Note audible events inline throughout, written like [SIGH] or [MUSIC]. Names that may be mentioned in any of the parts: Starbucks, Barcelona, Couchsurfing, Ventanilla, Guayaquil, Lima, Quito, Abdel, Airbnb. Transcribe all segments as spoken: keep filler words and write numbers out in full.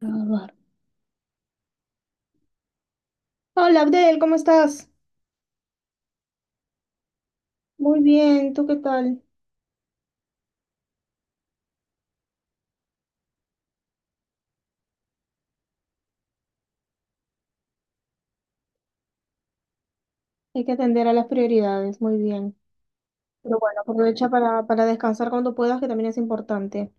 Grabar. Hola, Abdel, ¿cómo estás? Muy bien, ¿tú qué tal? Hay que atender a las prioridades, muy bien. Pero bueno, aprovecha para, para descansar cuando puedas, que también es importante.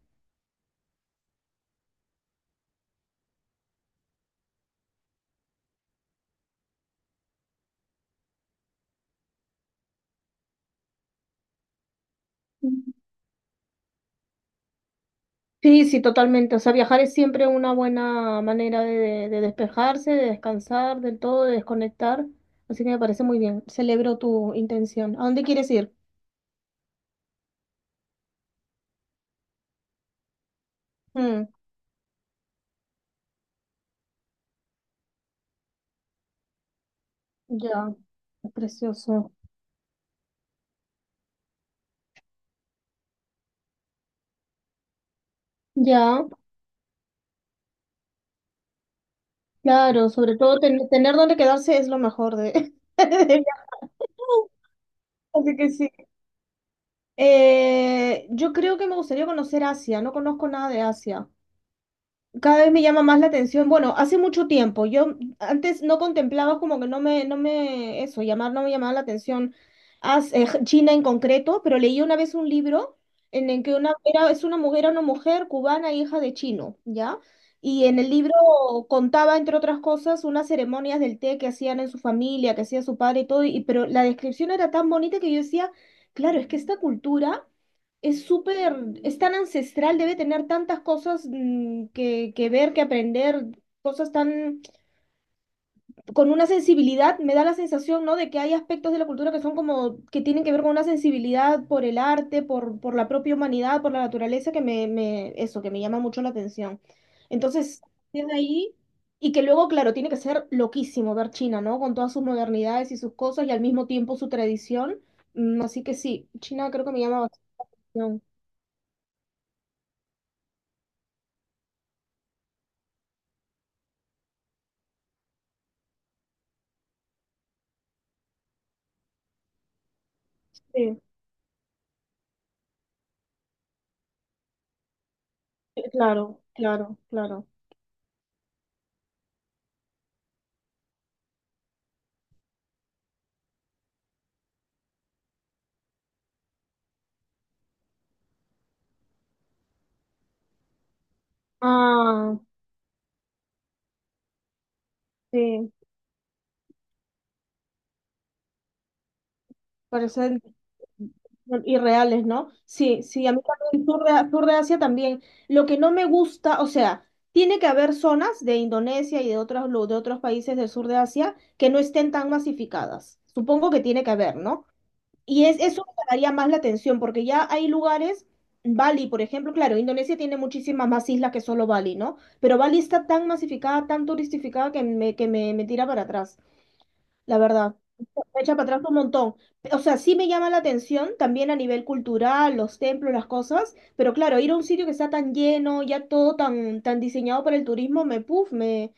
Mm. Sí, sí, totalmente. O sea, viajar es siempre una buena manera de, de, de despejarse, de descansar del todo, de desconectar. Así que me parece muy bien. Celebro tu intención. ¿A dónde quieres ir? Mm, ya, es precioso. Ya, claro, sobre todo ten- tener dónde quedarse es lo mejor de, [LAUGHS] de viajar. Así que sí. Eh, yo creo que me gustaría conocer Asia, no conozco nada de Asia. Cada vez me llama más la atención. Bueno, hace mucho tiempo, yo antes no contemplaba como que no me, no me, eso, llamar, no me llamaba la atención As- eh, China en concreto, pero leí una vez un libro en el que una, era, es una mujer, era una mujer cubana, hija de chino, ¿ya? Y en el libro contaba, entre otras cosas, unas ceremonias del té que hacían en su familia, que hacía su padre y todo, y, pero la descripción era tan bonita que yo decía, claro, es que esta cultura es súper, es tan ancestral, debe tener tantas cosas mm, que, que ver, que aprender, cosas tan, con una sensibilidad, me da la sensación, ¿no? De que hay aspectos de la cultura que son como, que tienen que ver con una sensibilidad por el arte, por, por la propia humanidad, por la naturaleza, que me, me, eso, que me llama mucho la atención. Entonces, desde ahí, y que luego, claro, tiene que ser loquísimo ver China, ¿no? Con todas sus modernidades y sus cosas, y al mismo tiempo su tradición. Mm, Así que sí, China creo que me llama bastante la atención. Sí. Claro, claro, claro. Ah, sí, parecen irreales, ¿no? Sí, sí, a mí también, sur de, sur de Asia también. Lo que no me gusta, o sea, tiene que haber zonas de Indonesia y de otros, lu- de otros países del sur de Asia que no estén tan masificadas. Supongo que tiene que haber, ¿no? Y es, eso me daría más la atención, porque ya hay lugares, Bali, por ejemplo, claro, Indonesia tiene muchísimas más islas que solo Bali, ¿no? Pero Bali está tan masificada, tan turistificada que me, que me, me tira para atrás. La verdad, me echa para atrás un montón. O sea, sí me llama la atención también a nivel cultural, los templos, las cosas, pero claro, ir a un sitio que está tan lleno, ya todo tan, tan diseñado para el turismo, me, puf, me,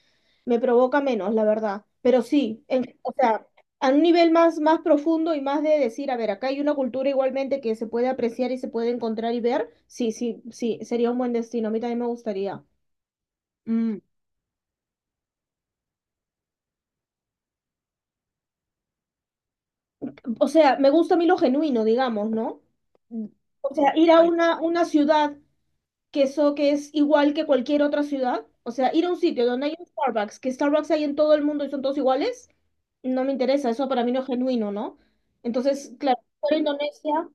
me provoca menos, la verdad. Pero sí, en- o sea, a un nivel más, más profundo y más de decir, a ver, acá hay una cultura igualmente que se puede apreciar y se puede encontrar y ver, sí, sí, sí, sería un buen destino, a mí también me gustaría. Mm. O sea, me gusta a mí lo genuino, digamos, ¿no? O sea, ir a una, una ciudad que, eso, que es igual que cualquier otra ciudad, o sea, ir a un sitio donde hay un Starbucks, que Starbucks hay en todo el mundo y son todos iguales, no me interesa, eso para mí no es genuino, ¿no? Entonces, claro, por Indonesia,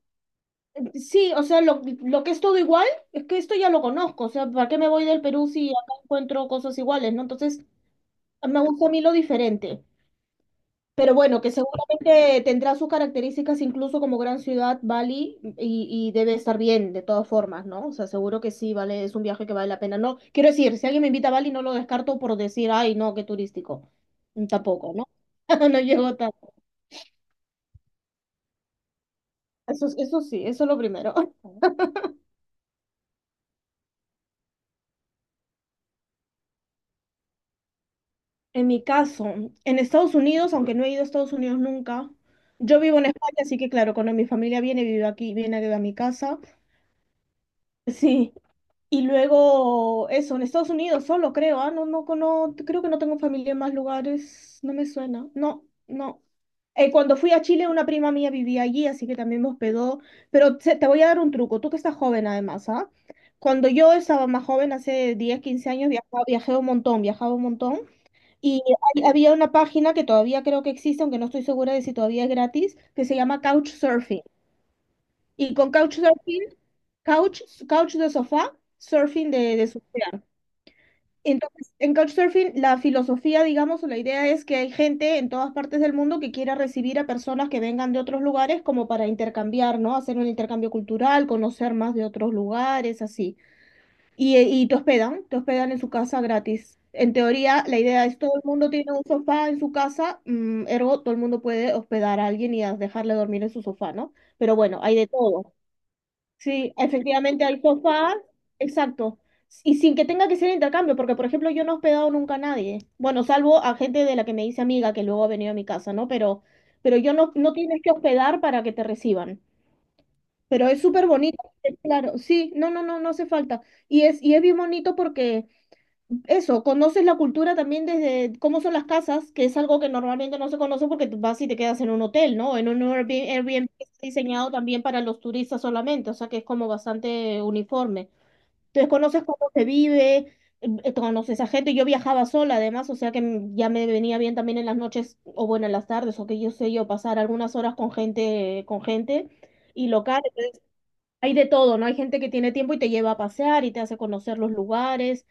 eh, sí, o sea, lo, lo que es todo igual, es que esto ya lo conozco, o sea, ¿para qué me voy del Perú si acá encuentro cosas iguales, ¿no? Entonces, me gusta a mí lo diferente. Pero bueno, que seguramente tendrá sus características incluso como gran ciudad, Bali, y, y debe estar bien de todas formas, ¿no? O sea, seguro que sí, vale, es un viaje que vale la pena. No, quiero decir, si alguien me invita a Bali, no lo descarto por decir, ay, no, qué turístico. Mm, Tampoco, ¿no? [LAUGHS] No llego tanto. Eso, eso sí, eso es lo primero. [LAUGHS] En mi caso, en Estados Unidos, aunque no he ido a Estados Unidos nunca, yo vivo en España, así que claro, cuando mi familia viene, vive aquí, viene a mi casa. [LAUGHS] Sí. Y luego, eso, en Estados Unidos solo creo, ah, no, no, no, creo que no tengo familia en más lugares, no me suena, no, no. Eh, cuando fui a Chile, una prima mía vivía allí, así que también me hospedó, pero te, te voy a dar un truco, tú que estás joven además, ¿ah? Cuando yo estaba más joven, hace diez quince años, viajaba, viajé un montón, viajaba un montón, y hay- había una página que todavía creo que existe, aunque no estoy segura de si todavía es gratis, que se llama Couchsurfing, y con Couchsurfing, couch, couch de sofá, surfing de, de surfear. Entonces, en Couchsurfing, la filosofía, digamos, o la idea es que hay gente en todas partes del mundo que quiera recibir a personas que vengan de otros lugares como para intercambiar, ¿no? Hacer un intercambio cultural, conocer más de otros lugares, así. Y, eh, y te hospedan, te hospedan en su casa gratis. En teoría, la idea es todo el mundo tiene un sofá en su casa, mm, ergo, todo el mundo puede hospedar a alguien y a- dejarle dormir en su sofá, ¿no? Pero bueno, hay de todo. Sí, efectivamente al sofá, exacto. Y sin que tenga que ser intercambio, porque por ejemplo yo no he hospedado nunca a nadie. Bueno, salvo a gente de la que me dice amiga que luego ha venido a mi casa, ¿no? Pero, pero yo no, no tienes que hospedar para que te reciban. Pero es súper bonito, porque, claro, sí, no, no, no, no hace falta. Y es, y es bien bonito porque eso, conoces la cultura también desde cómo son las casas, que es algo que normalmente no se conoce porque tú vas y te quedas en un hotel, ¿no? En un Airbnb, Airbnb que está diseñado también para los turistas solamente, o sea que es como bastante uniforme. Entonces conoces cómo se vive, em, eh, conoces a gente. Yo viajaba sola además, o sea que m- ya me venía bien también en las noches o bueno, en las tardes, o que yo sé yo pasar algunas horas con gente, con gente y local. Hay de todo, ¿no? Hay gente que tiene tiempo y te lleva a pasear y te hace conocer los lugares.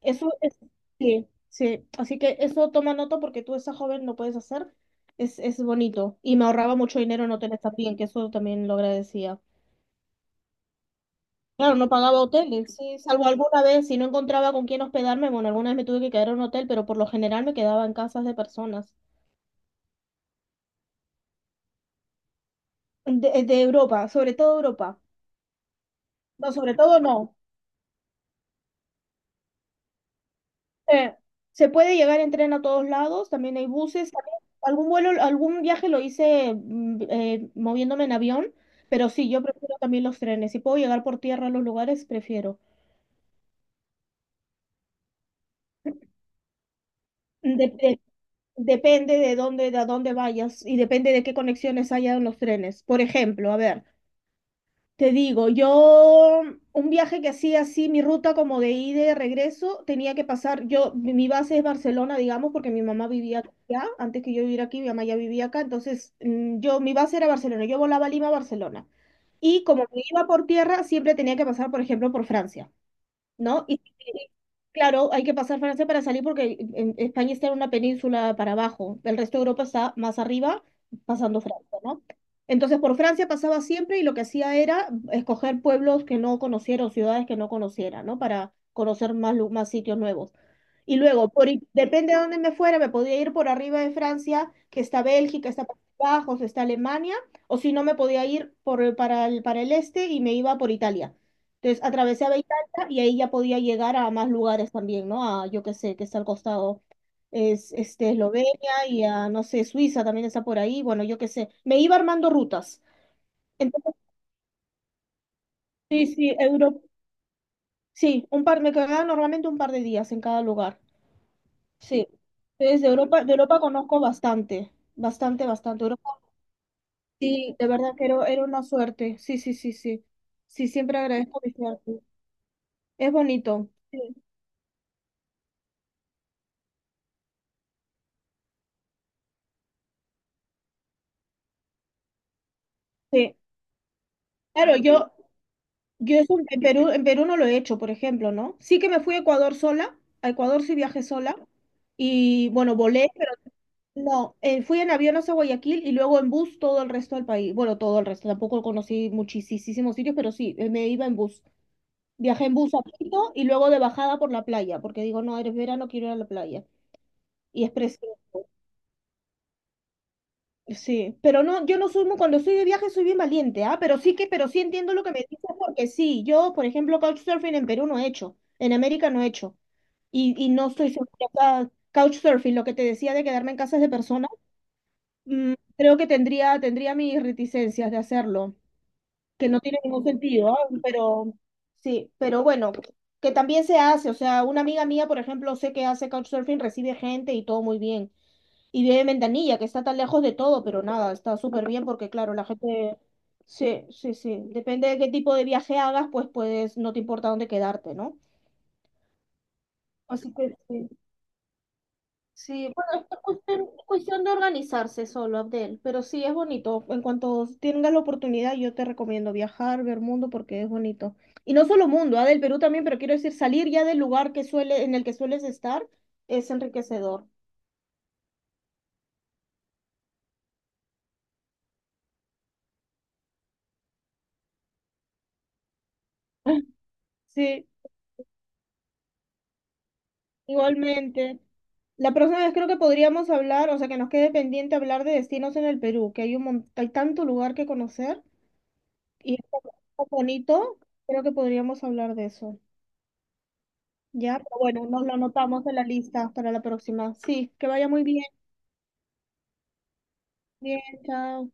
Eso es, sí, sí. Así que eso toma nota porque tú, esa joven, lo puedes hacer. Es, es bonito. Y me ahorraba mucho dinero en hoteles también, que eso también lo agradecía. Claro, no pagaba hoteles, sí, salvo alguna vez, si no encontraba con quién hospedarme, bueno, alguna vez me tuve que quedar en un hotel, pero por lo general me quedaba en casas de personas. De, de Europa, sobre todo Europa. No, sobre todo no. eh, Se puede llegar en tren a todos lados, también hay buses, también algún vuelo, algún viaje lo hice mm, eh, moviéndome en avión, pero sí, yo prefiero también los trenes. Si puedo llegar por tierra a los lugares, prefiero. Dep- de- Depende de dónde, de a dónde vayas y depende de qué conexiones haya en los trenes. Por ejemplo, a ver. Te digo, yo un viaje que hacía así, mi ruta como de ida y de regreso, tenía que pasar, yo, mi mi base es Barcelona, digamos, porque mi mamá vivía allá, antes que yo viviera aquí, mi mamá ya vivía acá, entonces mm, yo, mi base era Barcelona, yo volaba Lima a Barcelona. Y como me iba por tierra, siempre tenía que pasar, por ejemplo, por Francia. ¿No? Y y, claro, hay que pasar Francia para salir porque en- España está en una península para abajo, el resto de Europa está más arriba, pasando Francia, ¿no? Entonces por Francia pasaba siempre y lo que hacía era escoger pueblos que no conociera o ciudades que no conociera, ¿no? Para conocer más, lu- más sitios nuevos. Y luego, por, i- depende de dónde me fuera, me podía ir por arriba de Francia, que está Bélgica, está Países Bajos, está Alemania, o si no, me podía ir por, para el, para el este y me iba por Italia. Entonces, atravesaba Italia y ahí ya podía llegar a más lugares también, ¿no? A, yo qué sé, que está al costado, es este, Eslovenia y a, no sé, Suiza también está por ahí, bueno, yo qué sé. Me iba armando rutas. Entonces, sí, sí, Europa, sí, un par, me quedaba normalmente un par de días en cada lugar. Sí, desde Europa, de Europa conozco bastante, bastante, bastante. Europa, sí, de verdad que era, era una suerte. Sí, sí, sí, sí. Sí, siempre agradezco visitarte. Es bonito. Sí, sí. Claro, yo, yo eso en Perú, en Perú no lo he hecho, por ejemplo, ¿no? Sí que me fui a Ecuador sola, a Ecuador sí viajé sola y bueno, volé, pero no, eh, fui en avión hasta Guayaquil y luego en bus todo el resto del país. Bueno, todo el resto, tampoco conocí muchísimos sitios, pero sí, eh, me iba en bus. Viajé en bus a Quito y luego de bajada por la playa, porque digo, no, eres verano, quiero ir a la playa. Y es precioso, sí. Pero no, yo no soy muy, cuando estoy de viaje soy bien valiente, ¿ah? Pero sí que, pero sí entiendo lo que me dices, porque sí, yo, por ejemplo, couchsurfing en Perú no he hecho, en América no he hecho. Y, y no estoy segura, o sea, couchsurfing, lo que te decía de quedarme en casas de personas, mm, creo que tendría, tendría mis reticencias de hacerlo. Que no tiene ningún sentido, ah. Pero sí, pero bueno, que también se hace, o sea, una amiga mía, por ejemplo, sé que hace couchsurfing, recibe gente y todo muy bien. Y vive en Ventanilla, que está tan lejos de todo, pero nada, está súper bien porque, claro, la gente... Sí, sí, sí. Depende de qué tipo de viaje hagas, pues puedes, no te importa dónde quedarte, ¿no? Así que sí. Sí, bueno, es cuestión, es cuestión de organizarse solo, Abdel, pero sí es bonito. En cuanto tengas la oportunidad, yo te recomiendo viajar, ver mundo, porque es bonito. Y no solo mundo, ah, del Perú también, pero quiero decir, salir ya del lugar que suele, en el que sueles estar es enriquecedor. [LAUGHS] Sí, igualmente. La próxima vez creo que podríamos hablar, o sea, que nos quede pendiente hablar de destinos en el Perú, que hay un mon- hay tanto lugar que conocer y es tan bonito, creo que podríamos hablar de eso. Ya, pero bueno, nos lo anotamos en la lista para la próxima. Sí, que vaya muy bien. Bien, chao.